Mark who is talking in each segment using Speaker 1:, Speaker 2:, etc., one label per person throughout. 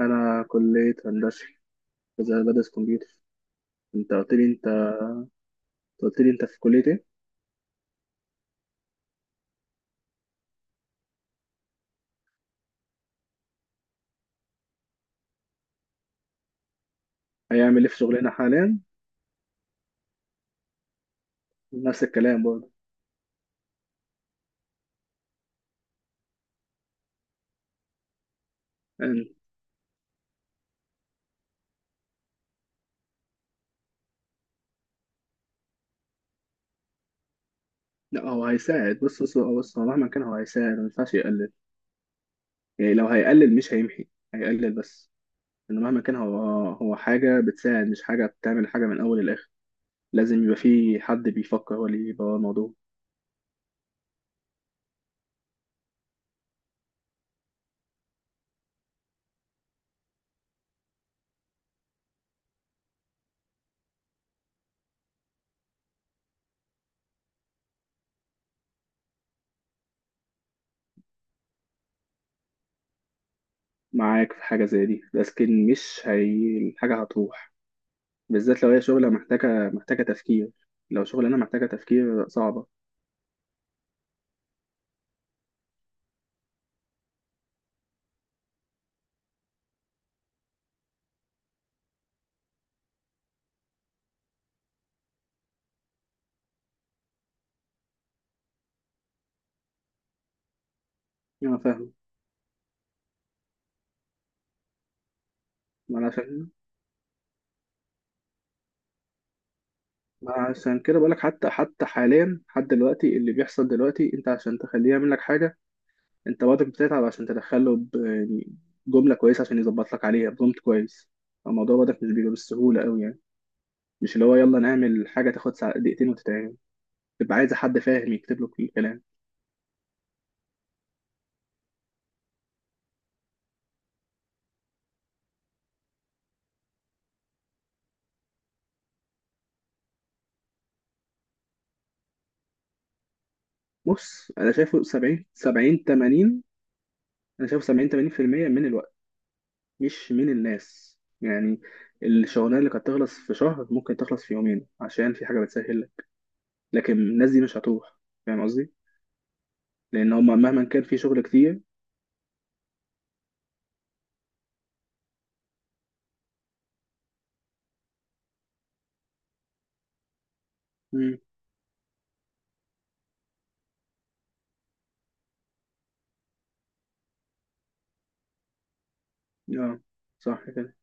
Speaker 1: انا كليه هندسه بدرس كمبيوتر. انت قلت لي انت قلت لي في كليه ايه؟ هيعمل ايه في شغلنا حاليا؟ نفس الكلام برضه يعني. لا هو هيساعد، بص، هو مهما كان هو هيساعد، ما ينفعش يقلل. يعني لو هيقلل مش هيمحي، هيقلل بس. انه مهما كان هو، هو حاجه بتساعد مش حاجه بتعمل حاجه من اول للاخر. لازم يبقى في حد بيفكر هو اللي يبقى ورا الموضوع. معاك في حاجه زي دي، لكن مش هي الحاجه هتروح. بالذات لو هي شغله محتاجه تفكير. لو شغلانه محتاجه تفكير صعبه. انا فاهم. ما انا عشان. ما أنا عشان كده بقولك، حتى حاليا لحد دلوقتي اللي بيحصل دلوقتي، انت عشان تخليه يعمل لك حاجه، انت برضك بتتعب عشان تدخله يعني جمله كويسه عشان يظبط لك عليها برومت كويس. الموضوع برضك مش بيبقى بالسهوله قوي يعني. مش اللي هو يلا نعمل حاجه تاخد دقيقتين وتتعمل. تبقى عايز حد فاهم يكتب له كل الكلام. بص، انا شايفه 70 70 80، انا شايفه 70 80% من الوقت، مش من الناس يعني. الشغلانه اللي كانت تخلص في شهر ممكن تخلص في يومين عشان في حاجه بتسهل، لكن الناس دي مش هتروح. فاهم قصدي؟ لان هم مهما كان في شغل كتير. امم. اه، صح كده.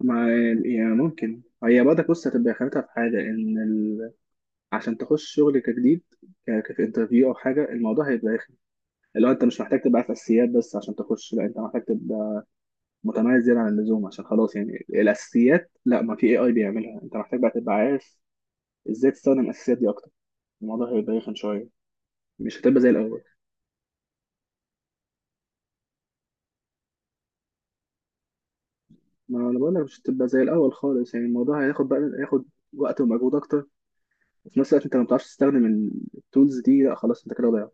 Speaker 1: ما يعني ممكن هي برضك، بص، هتبقى خانتها في حاجه ان ال... عشان تخش شغل كجديد، في انترفيو او حاجه، الموضوع هيبقى رخم. اللي هو انت مش محتاج تبقى عارف اساسيات بس عشان تخش، لا، انت محتاج تبقى متميز زياده عن اللزوم، عشان خلاص يعني الاساسيات لا، ما في اي اي بيعملها. انت محتاج بقى تبقى عارف ازاي تستخدم الاساسيات دي اكتر. الموضوع هيبقى رخم شويه، مش هتبقى زي الاول. ما انا بقول لك مش هتبقى زي الاول خالص يعني. الموضوع هياخد بقى هياخد وقت ومجهود اكتر. وفي نفس الوقت انت لو ما بتعرفش تستخدم التولز دي، لا خلاص انت كده ضيعت.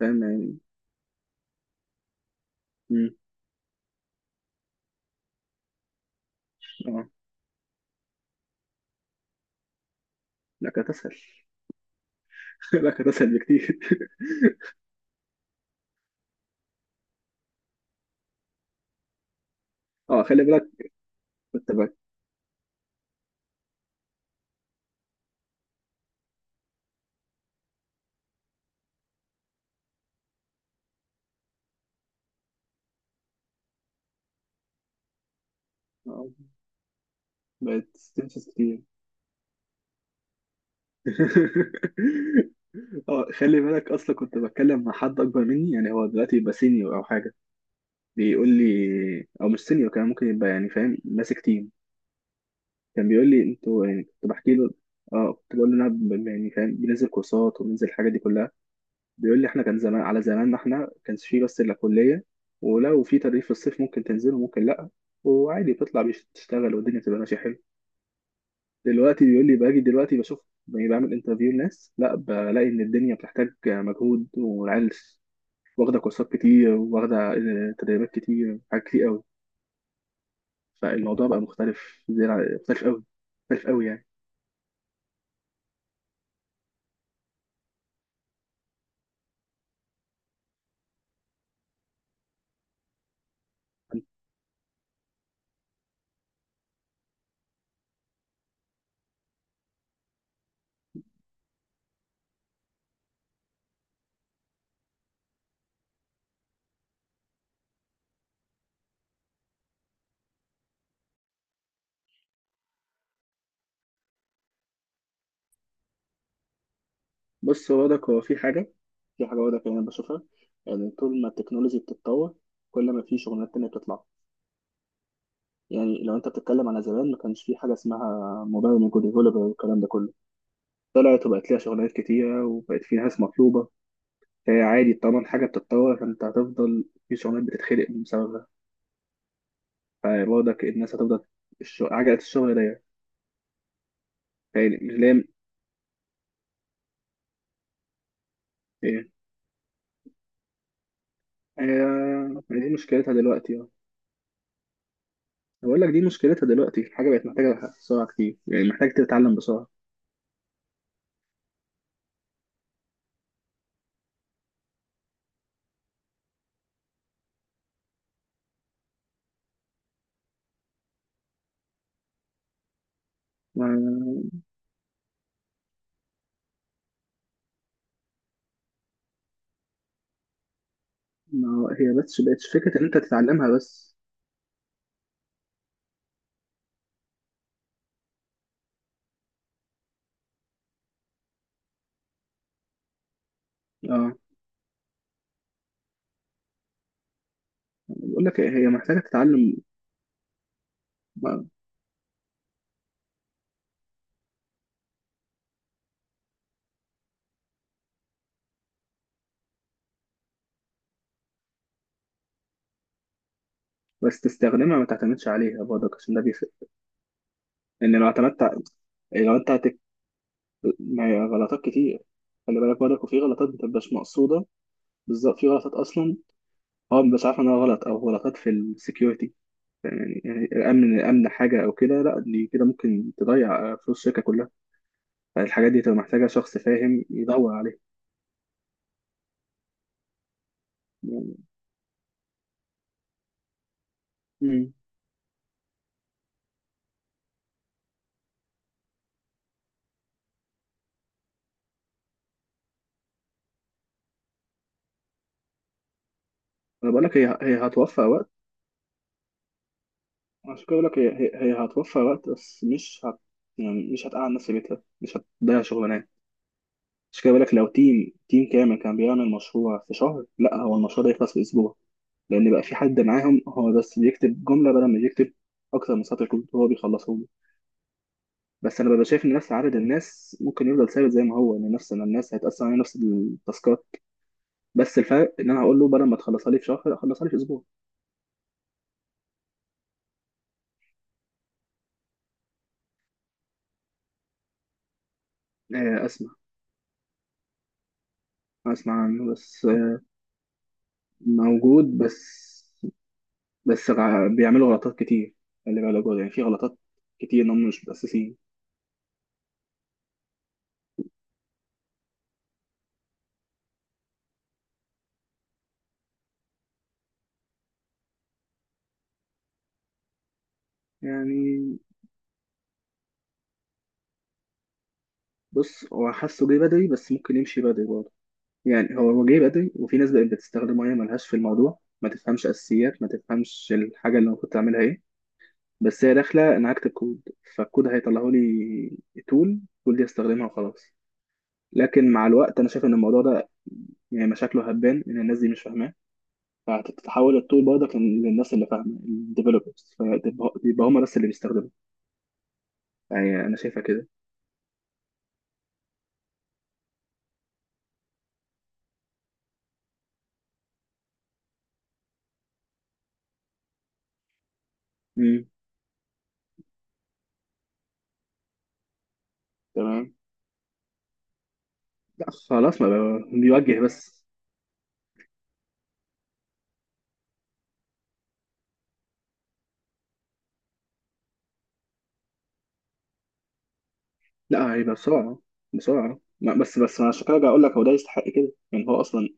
Speaker 1: فاهم يعني. امم. اه، لا كانت اسهل. لا كانت اسهل بكتير. اه، خلي بالك كنت بقى، اه، بقت تنفس كتير. اه، خلي بالك. اصلا كنت بتكلم مع حد اكبر مني، يعني هو دلوقتي يبقى سينيور او حاجه. بيقول لي، او مش سينيور، كان ممكن يبقى يعني فاهم ماسك تيم. كان بيقول لي انتوا، يعني كنت بحكي له. اه، كنت بقول له انا يعني فاهم بننزل كورسات وبننزل الحاجات دي كلها. بيقول لي احنا كان زمان، على زماننا احنا كانش فيه بس الا كليه، ولو في تدريب في الصيف ممكن تنزله ممكن لا، وعادي بتطلع تشتغل والدنيا بتبقى ماشيه حلو. دلوقتي بيقول لي باجي دلوقتي بشوف، يعني بعمل انترفيو لناس، لا بلاقي ان الدنيا بتحتاج مجهود، والعيال واخده كورسات كتير، واخده تدريبات كتير، حاجات كتير قوي. فالموضوع بقى مختلف قوي، مختلف قوي يعني. بص، هو ده في حاجة، في حاجة واضحة يعني أنا بشوفها. يعني طول ما التكنولوجي بتتطور، كل ما في شغلانات تانية بتطلع. يعني لو أنت بتتكلم على زمان، ما كانش في حاجة اسمها موبايل ديفلوبر والكلام ده كله، طلعت وبقت ليها شغلانات كتيرة وبقت في ناس مطلوبة. فهي عادي، طالما الحاجة بتتطور فأنت هتفضل في شغلانات بتتخلق بسببها، فبرضك الناس هتفضل. الشغل، عجلة الشغل ضيقة. يعني يعني مش لام. إيه؟ دي مشكلتها دلوقتي. بقول لك دي مشكلتها دلوقتي. الحاجة بقت محتاجة بسرعة كتير، يعني محتاج تتعلم بسرعة. ما ما هي بس بقت فكرة إن أنت تتعلمها بس. اه. بقول لك إيه، هي محتاجة تتعلم. ما- بس تستخدمها، ما تعتمدش عليها برضك، عشان ده بيفرق. لأن لو اعتمدت لو أنت ما هي غلطات كتير، خلي بالك برضك. وفي غلطات مبتبقاش مقصودة. بالظبط، في غلطات أصلا هو مبقاش عارف إنها غلط، أو غلطات في السكيورتي. يعني يعني الأمن، الأمن حاجة، أو كده لا، دي كده ممكن تضيع فلوس الشركة كلها. فالحاجات دي تبقى محتاجة شخص فاهم يدور عليها. يعني. مم. أنا بقول لك هي هي هتوفر وقت. عشان كده بقول لك هي هتوفر وقت، بس مش هت، يعني مش هتقعد نفس بيتها مش هتضيع شغلانات. عشان كده بقول لك، لو تيم كامل كان بيعمل مشروع في شهر، لا هو المشروع ده يخلص في اسبوع، لان بقى في حد معاهم هو بس بيكتب جمله بدل ما يكتب اكتر من سطر كود، هو بيخلصه له. بس انا ببقى شايف ان نفس عدد الناس ممكن يفضل ثابت زي ما هو، ان نفس إن الناس هيتقسم على نفس التاسكات. بس الفرق ان انا هقول له بدل ما تخلصها لي في شهر خلصها لي في اسبوع. اسمع. اسمع عنه بس. موجود بس. بيعملوا غلطات كتير. خلي بالك برضه، يعني في غلطات كتير ان هم مش متأسسين. يعني، بص، هو حاسه جه بدري بس ممكن يمشي بدري برضه. يعني هو جه بدري، وفي ناس بقت بتستخدمه هي ملهاش في الموضوع، ما تفهمش اساسيات، ما تفهمش الحاجه اللي المفروض تعملها ايه. بس هي داخله انا هكتب كود فالكود هيطلعه لي تول، التول دي استخدمها وخلاص. لكن مع الوقت انا شايف ان الموضوع ده، يعني مشاكله هتبان ان الناس دي مش فاهمه، فهتتحول الطول برضك للناس اللي فاهمه، الديفلوبرز. فيبقى هم بس اللي بيستخدموا. يعني انا شايفها كده. امم. تمام. لا خلاص ما بقى- بيوجه بس. لا هيبقى بسرعه. بسرعه. لا، بس انا عشان كده جاي اقول لك هو ده يستحق كده، يعني هو اصلا،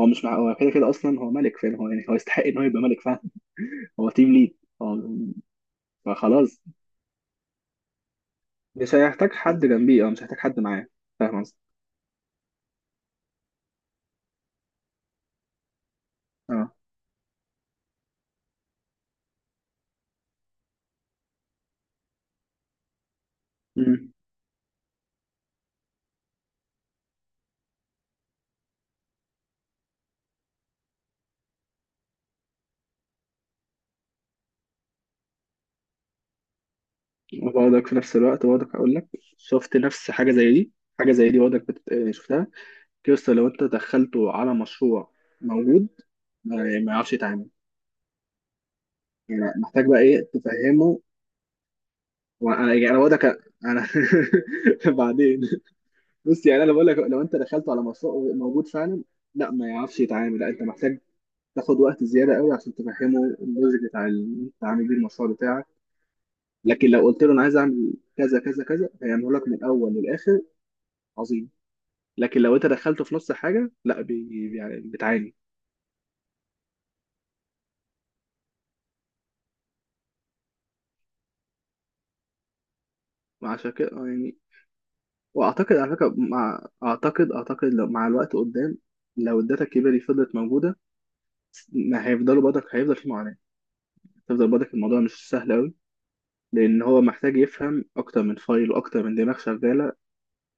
Speaker 1: هو مش مع هو كده كده اصلا هو ملك، فاهم. هو يعني هو يستحق ان هو يبقى ملك، فاهم. هو تيم ليد هو. فخلاص، مش هيحتاج حد جنبيه، اه مش هيحتاج حد معاه. فاهم قصدي؟ اه. مم. وبرضك في نفس الوقت برضك هقول لك، شفت نفس حاجة زي دي. حاجة زي دي برضك شفتها. كيوستا لو انت دخلته على مشروع موجود، ما يعني ما يعرفش يتعامل. يعني محتاج بقى ايه تفهمه. وانا يعني انا برضك، انا بعدين. بص، يعني انا بقول لك، لو انت دخلته على مشروع موجود فعلا، لا ما يعرفش يتعامل، لا انت محتاج تاخد وقت زيادة قوي عشان تفهمه اللوجيك بتاع انت عامل بيه المشروع بتاعك. لكن لو قلت له انا عايز اعمل كذا كذا كذا هيعمله لك من الاول للاخر، عظيم. لكن لو انت دخلته في نص حاجه، لا بي يعني بتعاني. وعشان كده، يعني، واعتقد على فكره، مع اعتقد اعتقد لو مع الوقت قدام، لو الداتا الكبيره دي فضلت موجوده، ما هيفضلوا برضك هيفضل في معاناه. هيفضل برضك الموضوع مش سهل قوي، لان هو محتاج يفهم اكتر من فايل واكتر من دماغ شغاله،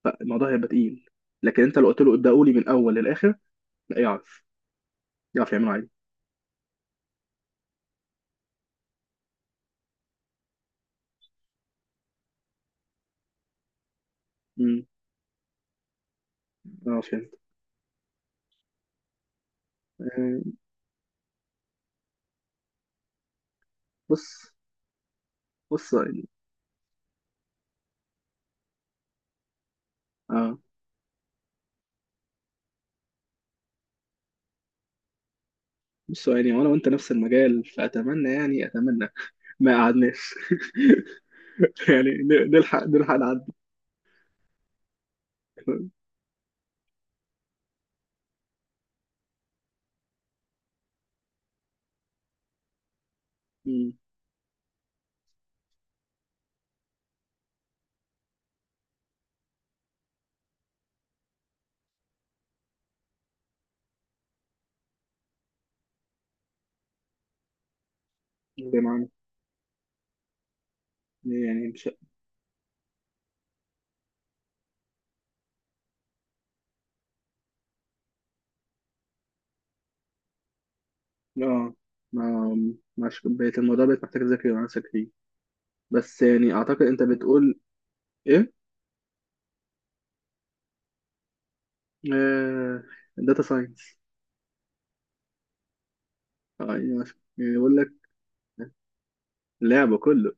Speaker 1: فالموضوع هيبقى تقيل. لكن انت لو قلت له ابدأوا لي من الاول للاخر، لا يعرف يعرف يعمله عادي. امم. اه، فهمت. آه، بص بص يعني اه بص يعني، وانا وانت نفس المجال فاتمنى، يعني اتمنى ما قعدناش. يعني نلحق، نلحق نعدي. مم. زي ما عمل. يعني مش اه، ما مش بقت الموضوع، بقت محتاج تذاكر مع نفسك فيه. بس يعني اعتقد انت بتقول ايه. آه... داتا ساينس. اه يعني يعني بيقول لك لعبه كله.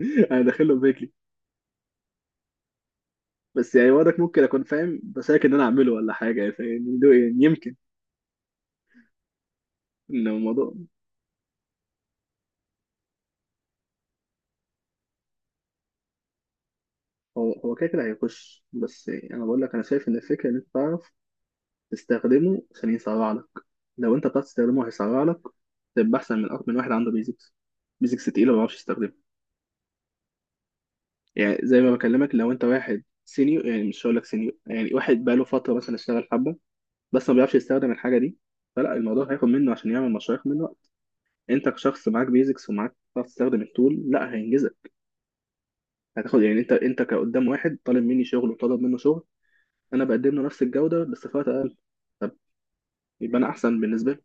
Speaker 1: انا داخله بيكلي، بس يعني وضعك ممكن اكون فاهم بس، لكن إن انا اعمله ولا حاجه يعني، ده يعني يمكن ان الموضوع. هو كده كده هيخش، بس يعني انا بقول لك انا شايف ان الفكره ان انت تعرف تستخدمه عشان يسرع لك. لو انت بتعرف تستخدمه هيسرع لك، تبقى احسن من اكتر من واحد عنده بيزكس، بيزكس تقيله، ما بيعرفش يستخدمه. يعني زي ما بكلمك، لو انت واحد سينيور، يعني مش هقول لك سينيور، يعني واحد بقاله فتره مثلا اشتغل حبه، بس ما بيعرفش يستخدم الحاجه دي، فلا الموضوع هياخد منه عشان يعمل مشروع، هياخد منه وقت. انت كشخص معاك بيزكس ومعاك بتعرف تستخدم التول، لا هينجزك. هتاخد يعني، انت كقدام، واحد طالب مني شغل وطالب منه شغل، انا بقدم له نفس الجوده بس في وقت اقل. طب، يبقى انا احسن بالنسبه لي.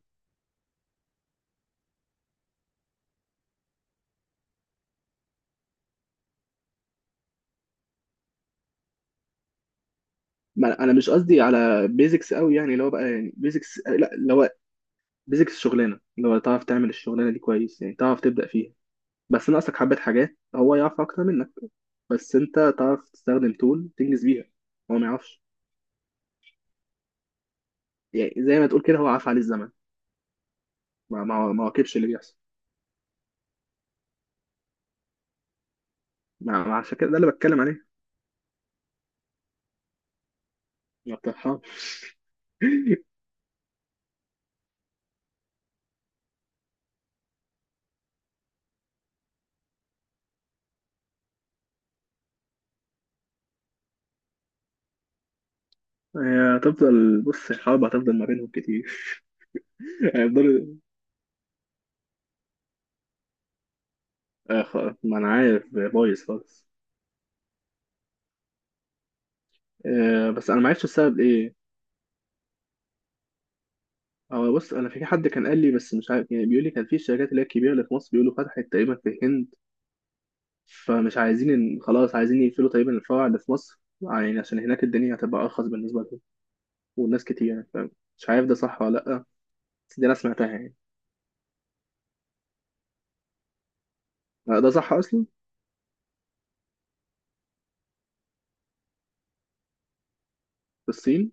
Speaker 1: ما انا أنا مش قصدي على بيزكس قوي يعني اللي هو بقى، يعني بيزكس لا اللي هو بيزكس شغلانه، اللي هو تعرف تعمل الشغلانه دي كويس، يعني تعرف تبدا فيها، بس ناقصك حبه حاجات هو يعرف اكتر منك، بس انت تعرف تستخدم تول تنجز بيها، هو ما يعرفش. يعني زي ما تقول كده هو عاف عليه الزمن، ما واكبش اللي بيحصل. ما عشان كده ده اللي بتكلم عليه. ما بترحمش. هي هتفضل، بص، الحرب هتفضل ما بينهم كتير. هيفضلوا. آه، خ- ما انا عارف بايظ خالص. بس انا ما عرفتش السبب ايه. اه، بص، انا في حد كان قال لي بس مش عارف، يعني بيقول لي كان في الشركات اللي هي الكبيره اللي في مصر بيقولوا فتحت تقريبا في الهند، فمش عايزين، إن خلاص عايزين يقفلوا تقريبا الفرع اللي في مصر، يعني عشان هناك الدنيا هتبقى ارخص بالنسبه لهم، والناس كتير يعني، فاهم. مش عارف ده صح ولا لا، بس دي انا سمعتها يعني. ده صح اصلا. في الصين.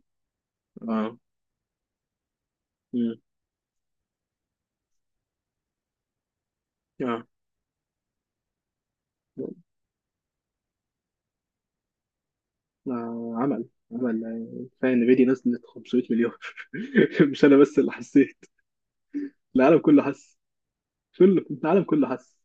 Speaker 1: اه. امم. اه. آه، عمل عمل، كفايه ان فيدي نزلت 500 مليون. مش انا بس اللي حسيت، العالم كله حس، كله العالم كله حس.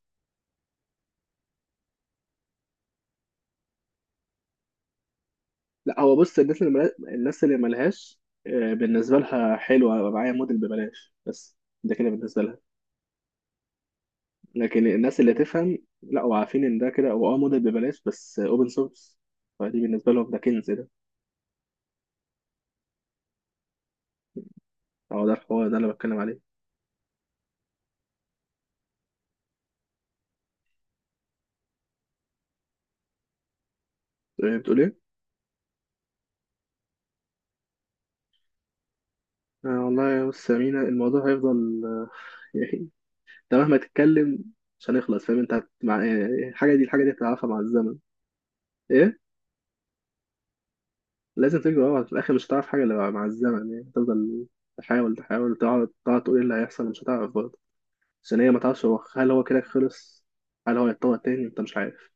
Speaker 1: لا هو بص، الناس اللي الناس اللي ملهاش، بالنسبة لها حلوة أبقى معايا موديل ببلاش بس، ده كده بالنسبة لها. لكن الناس اللي تفهم، لا وعارفين إن ده كده هو اه موديل ببلاش بس أوبن سورس، فدي بالنسبة لهم ده كنز ده. هو ده الحوار ده اللي بتكلم عليه. بتقول إيه؟ آه والله يا، بص يا مينا، الموضوع هيفضل يعني، أنت مهما تتكلم مش هنخلص، فاهم. أنت هت- مع... آه، الحاجة دي، الحاجة دي هتعرفها مع الزمن. إيه؟ لازم تجري ورا في الاخر، مش هتعرف حاجه الا مع الزمن. يعني تفضل تحاول، تقعد تقول ايه اللي هيحصل، مش هتعرف برضه. عشان هي ما تعرفش، هو هل هو كده خلص، هل هو يتطور تاني، انت مش عارف.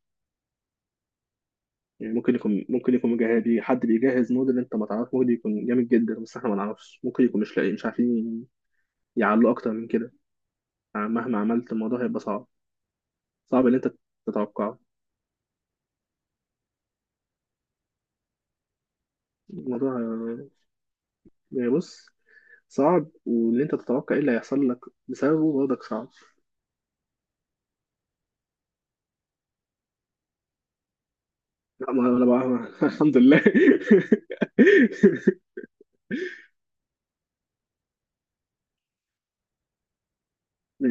Speaker 1: يعني ممكن يكون مجهز، حد بيجهز موديل انت ما تعرفش ممكن يكون جامد جدا، بس احنا ما نعرفش، ممكن يكون مش لاقي، مش عارفين يعلوا اكتر من كده. يعني مهما عملت الموضوع هيبقى صعب، صعب ان انت تتوقعه. الموضوع، يعني بص، صعب وان انت تتوقع ايه اللي هيحصل لك بسببه برضك صعب. لا ما انا بقى الحمد لله.